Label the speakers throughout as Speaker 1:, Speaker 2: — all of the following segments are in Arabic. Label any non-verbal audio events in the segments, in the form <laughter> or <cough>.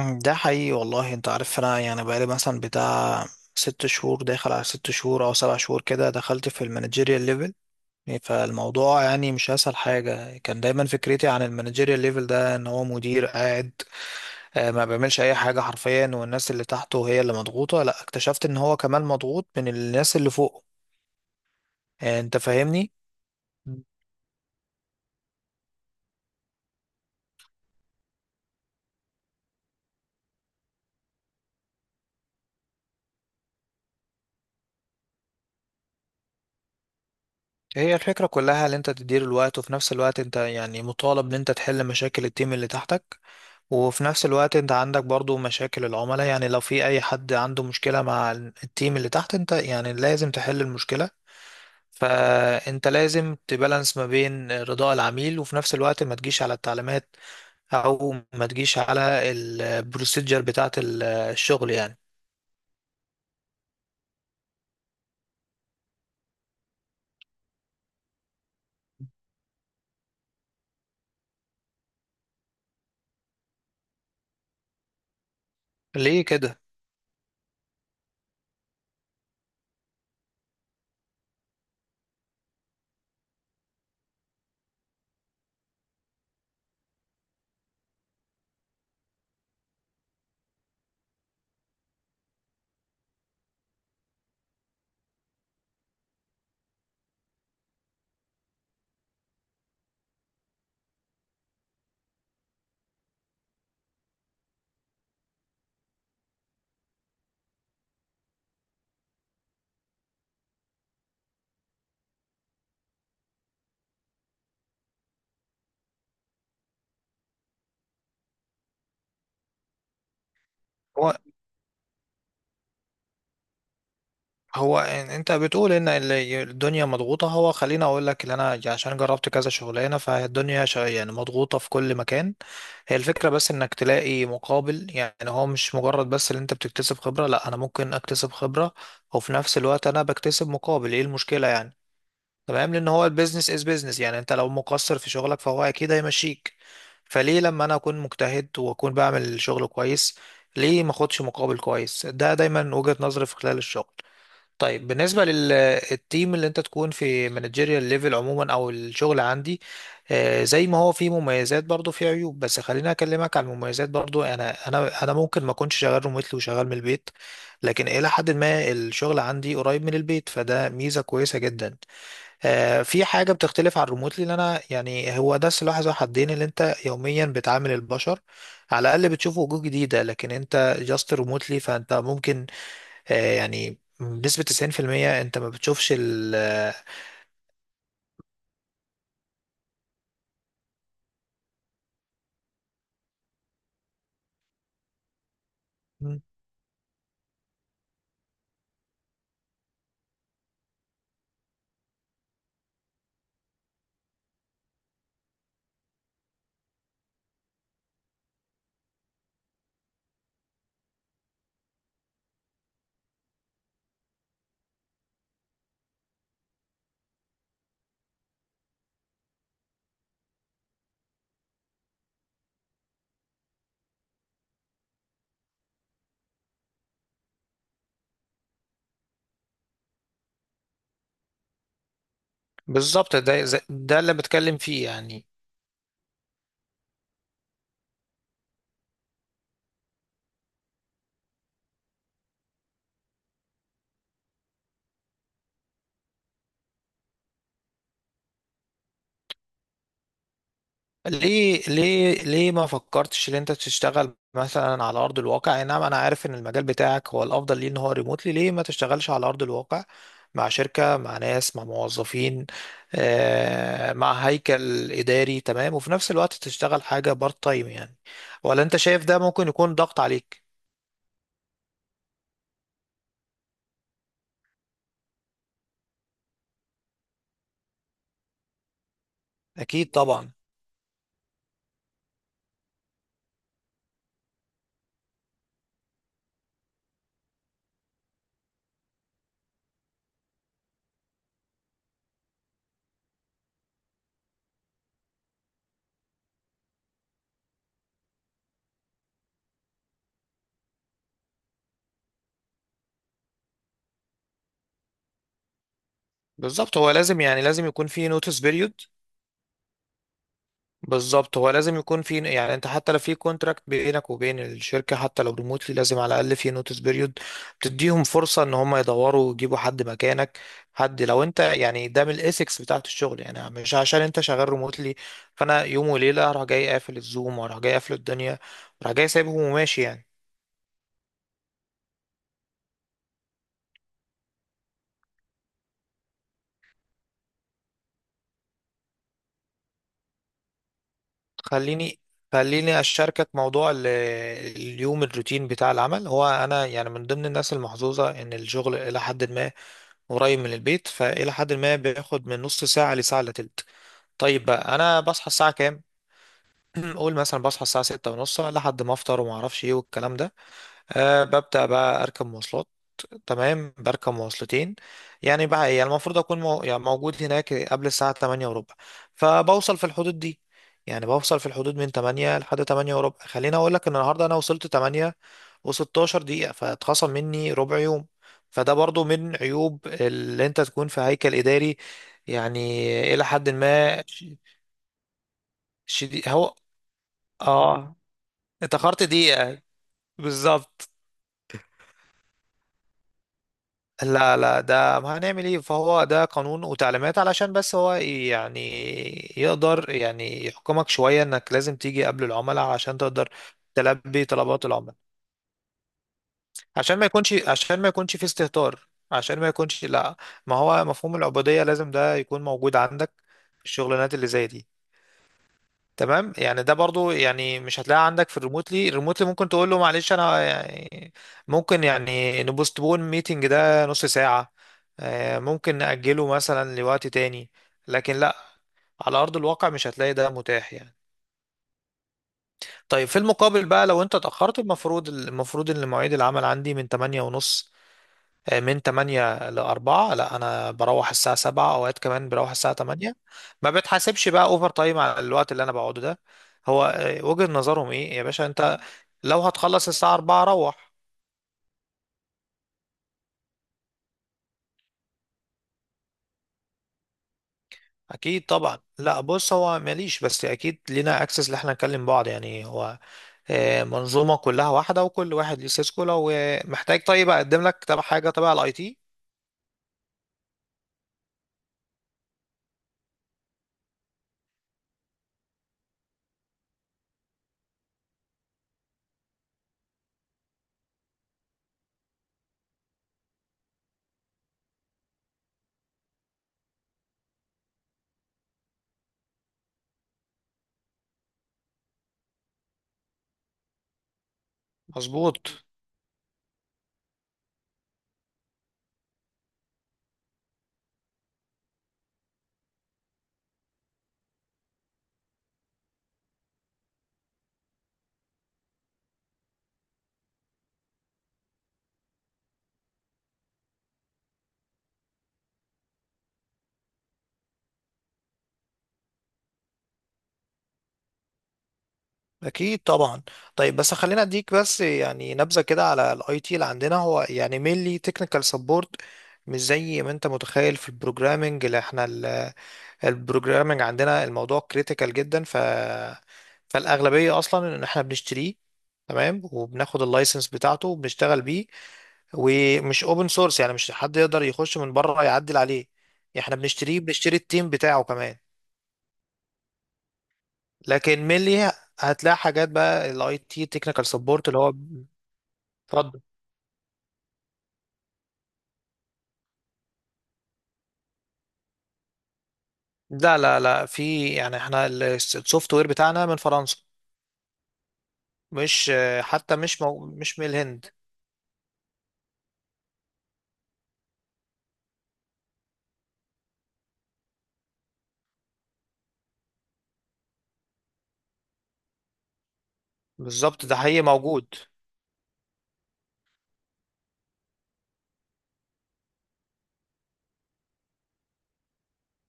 Speaker 1: ده حقيقي والله. انت عارف انا يعني بقالي مثلا بتاع 6 شهور، داخل على 6 شهور او 7 شهور كده، دخلت في المانجيريال ليفل. يعني فالموضوع يعني مش اسهل حاجة. كان دايما فكرتي عن المانجيريال ليفل ده ان هو مدير قاعد، ما بيعملش اي حاجة حرفيا، والناس اللي تحته هي اللي مضغوطة. لا، اكتشفت ان هو كمان مضغوط من الناس اللي فوقه. انت فاهمني. هي الفكرة كلها ان انت تدير الوقت، وفي نفس الوقت انت يعني مطالب ان انت تحل مشاكل التيم اللي تحتك، وفي نفس الوقت انت عندك برضو مشاكل العملاء. يعني لو في اي حد عنده مشكلة مع التيم اللي تحت، انت يعني لازم تحل المشكلة. فانت لازم تبالانس ما بين رضاء العميل وفي نفس الوقت ما تجيش على التعليمات، او ما تجيش على البروسيجر بتاعة الشغل يعني. ليه كده؟ هو هو انت بتقول ان الدنيا مضغوطة. هو خليني اقول لك ان انا عشان جربت كذا شغلانة، فالدنيا يعني مضغوطة في كل مكان. هي الفكرة بس انك تلاقي مقابل. يعني هو مش مجرد بس ان انت بتكتسب خبرة، لا، انا ممكن اكتسب خبرة وفي نفس الوقت انا بكتسب مقابل. ايه المشكلة يعني؟ تمام، لان هو البيزنس از بيزنس. يعني انت لو مقصر في شغلك فهو اكيد هيمشيك. فليه لما انا اكون مجتهد واكون بعمل شغل كويس، ليه ما اخدش مقابل كويس؟ ده دايما وجهة نظري في خلال الشغل. طيب بالنسبة للتيم اللي انت تكون في مانجيريال ليفل عموما، او الشغل عندي، زي ما هو فيه مميزات برضو فيه عيوب. بس خليني اكلمك عن المميزات. برضو انا ممكن ما اكونش شغال ريموتلي وشغال من البيت، لكن الى حد ما الشغل عندي قريب من البيت، فده ميزة كويسة جدا. في حاجة بتختلف عن الريموتلي، ان انا يعني هو ده سلاح ذو حدين. اللي انت يوميا بتعامل البشر، على الاقل بتشوف وجوه جديدة. لكن انت جاست ريموتلي فانت ممكن يعني بنسبة 90% انت ما بتشوفش ال... بالظبط، ده ده اللي بتكلم فيه يعني. ليه ما فكرتش ان انت تشتغل مثلا على ارض الواقع؟ اي نعم انا عارف ان المجال بتاعك هو الافضل ليه ان هو ريموتلي، ليه ما تشتغلش على ارض الواقع مع شركة، مع ناس، مع موظفين، مع هيكل اداري؟ تمام، وفي نفس الوقت تشتغل حاجة بارت تايم يعني. ولا انت شايف ده ممكن يكون ضغط عليك؟ اكيد طبعا. بالظبط، هو لازم يعني لازم يكون في نوتس بيريود. بالظبط هو لازم يكون في، يعني انت حتى لو في كونتراكت بينك وبين الشركه، حتى لو ريموتلي، لازم على الاقل في نوتس بيريود بتديهم فرصه ان هم يدوروا ويجيبوا حد مكانك. حد لو انت، يعني ده من الاسكس بتاعت الشغل، يعني مش عشان انت شغال ريموتلي فانا يوم وليله اروح جاي قافل الزوم، واروح جاي قافل الدنيا، اروح جاي سايبهم وماشي يعني. خليني خليني اشاركك موضوع اليوم، الروتين بتاع العمل. هو انا يعني من ضمن الناس المحظوظه ان الشغل الى حد ما قريب من البيت، فالى حد ما بياخد من نص ساعه لساعه الا تلت. طيب بقى انا بصحى الساعه كام؟ <clears throat> قول مثلا بصحى الساعه 6:30، لحد ما افطر وما اعرفش ايه والكلام ده. أه، ببدأ بقى أركب مواصلات. تمام بركب مواصلتين. يعني بقى إيه، يعني المفروض أكون مو... يعني موجود هناك قبل الساعة 8 وربع. فبوصل في الحدود دي، يعني بوصل في الحدود من 8 لحد 8 وربع. خليني أقول لك إن النهاردة أنا وصلت 8 و16 دقيقة، فاتخصم مني ربع يوم. فده برضو من عيوب اللي أنت تكون في هيكل إداري، يعني إلى حد ما شديد. هو آه، اتأخرت دقيقة. بالظبط. لا لا، ده ما هنعمل ايه؟ فهو ده قانون وتعليمات، علشان بس هو يعني يقدر يعني يحكمك شوية انك لازم تيجي قبل العملاء عشان تقدر تلبي طلبات العملاء. عشان ما يكونش، في استهتار، عشان ما يكونش لا ما هو مفهوم العبودية لازم ده يكون موجود عندك في الشغلانات اللي زي دي. تمام يعني، ده برضو يعني مش هتلاقيها عندك في الريموتلي. الريموتلي ممكن تقول له معلش انا يعني ممكن يعني نبوستبون ميتنج ده نص ساعة، ممكن نأجله مثلا لوقت تاني. لكن لا، على أرض الواقع مش هتلاقي ده متاح يعني. طيب في المقابل بقى، لو انت اتأخرت، المفروض ان مواعيد العمل عندي من 8:30، من 8 ل 4. لا انا بروح الساعه 7، اوقات كمان بروح الساعه 8. ما بتحاسبش بقى اوفر تايم على الوقت اللي انا بقعده ده. هو وجهة نظرهم ايه يا باشا؟ انت لو هتخلص الساعه 4 روح. اكيد طبعا. لا بص، هو ماليش، بس اكيد لينا اكسس اللي احنا نكلم بعض. يعني هو منظومه كلها واحده، وكل واحد ليه سيسكو. لو محتاج، طيب اقدم لك تبع حاجه تبع الاي تي. مظبوط. اكيد طبعا. طيب بس خلينا اديك بس يعني نبذه كده على الاي تي اللي عندنا. هو يعني مينلي تكنيكال سبورت. مش زي ما انت متخيل في البروجرامنج اللي احنا... البروجرامنج عندنا الموضوع كريتيكال جدا، فالاغلبيه اصلا ان احنا بنشتريه. تمام، وبناخد اللايسنس بتاعته وبنشتغل بيه. ومش اوبن سورس، يعني مش حد يقدر يخش من بره يعدل عليه. احنا بنشتريه، بنشتري التيم بتاعه كمان. لكن مينلي هتلاقي حاجات بقى الاي تي تكنيكال سبورت اللي هو... اتفضل. لا لا لا، في يعني احنا السوفت وير بتاعنا من فرنسا. مش حتى مش مو مش من الهند. بالظبط، ده حقيقي موجود.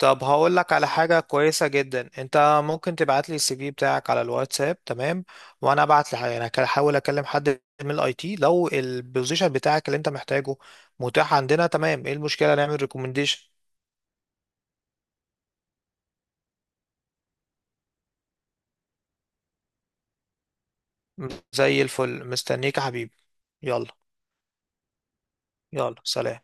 Speaker 1: طب هقول لك على حاجة كويسة جدا. انت ممكن تبعت لي السي في بتاعك على الواتساب، تمام، وانا ابعت لي يعني هحاول اكلم حد من الاي تي. لو البوزيشن بتاعك اللي انت محتاجه متاح عندنا، تمام، ايه المشكلة؟ نعمل ريكومنديشن. زي الفل مستنيك يا حبيبي. يلا يلا سلام.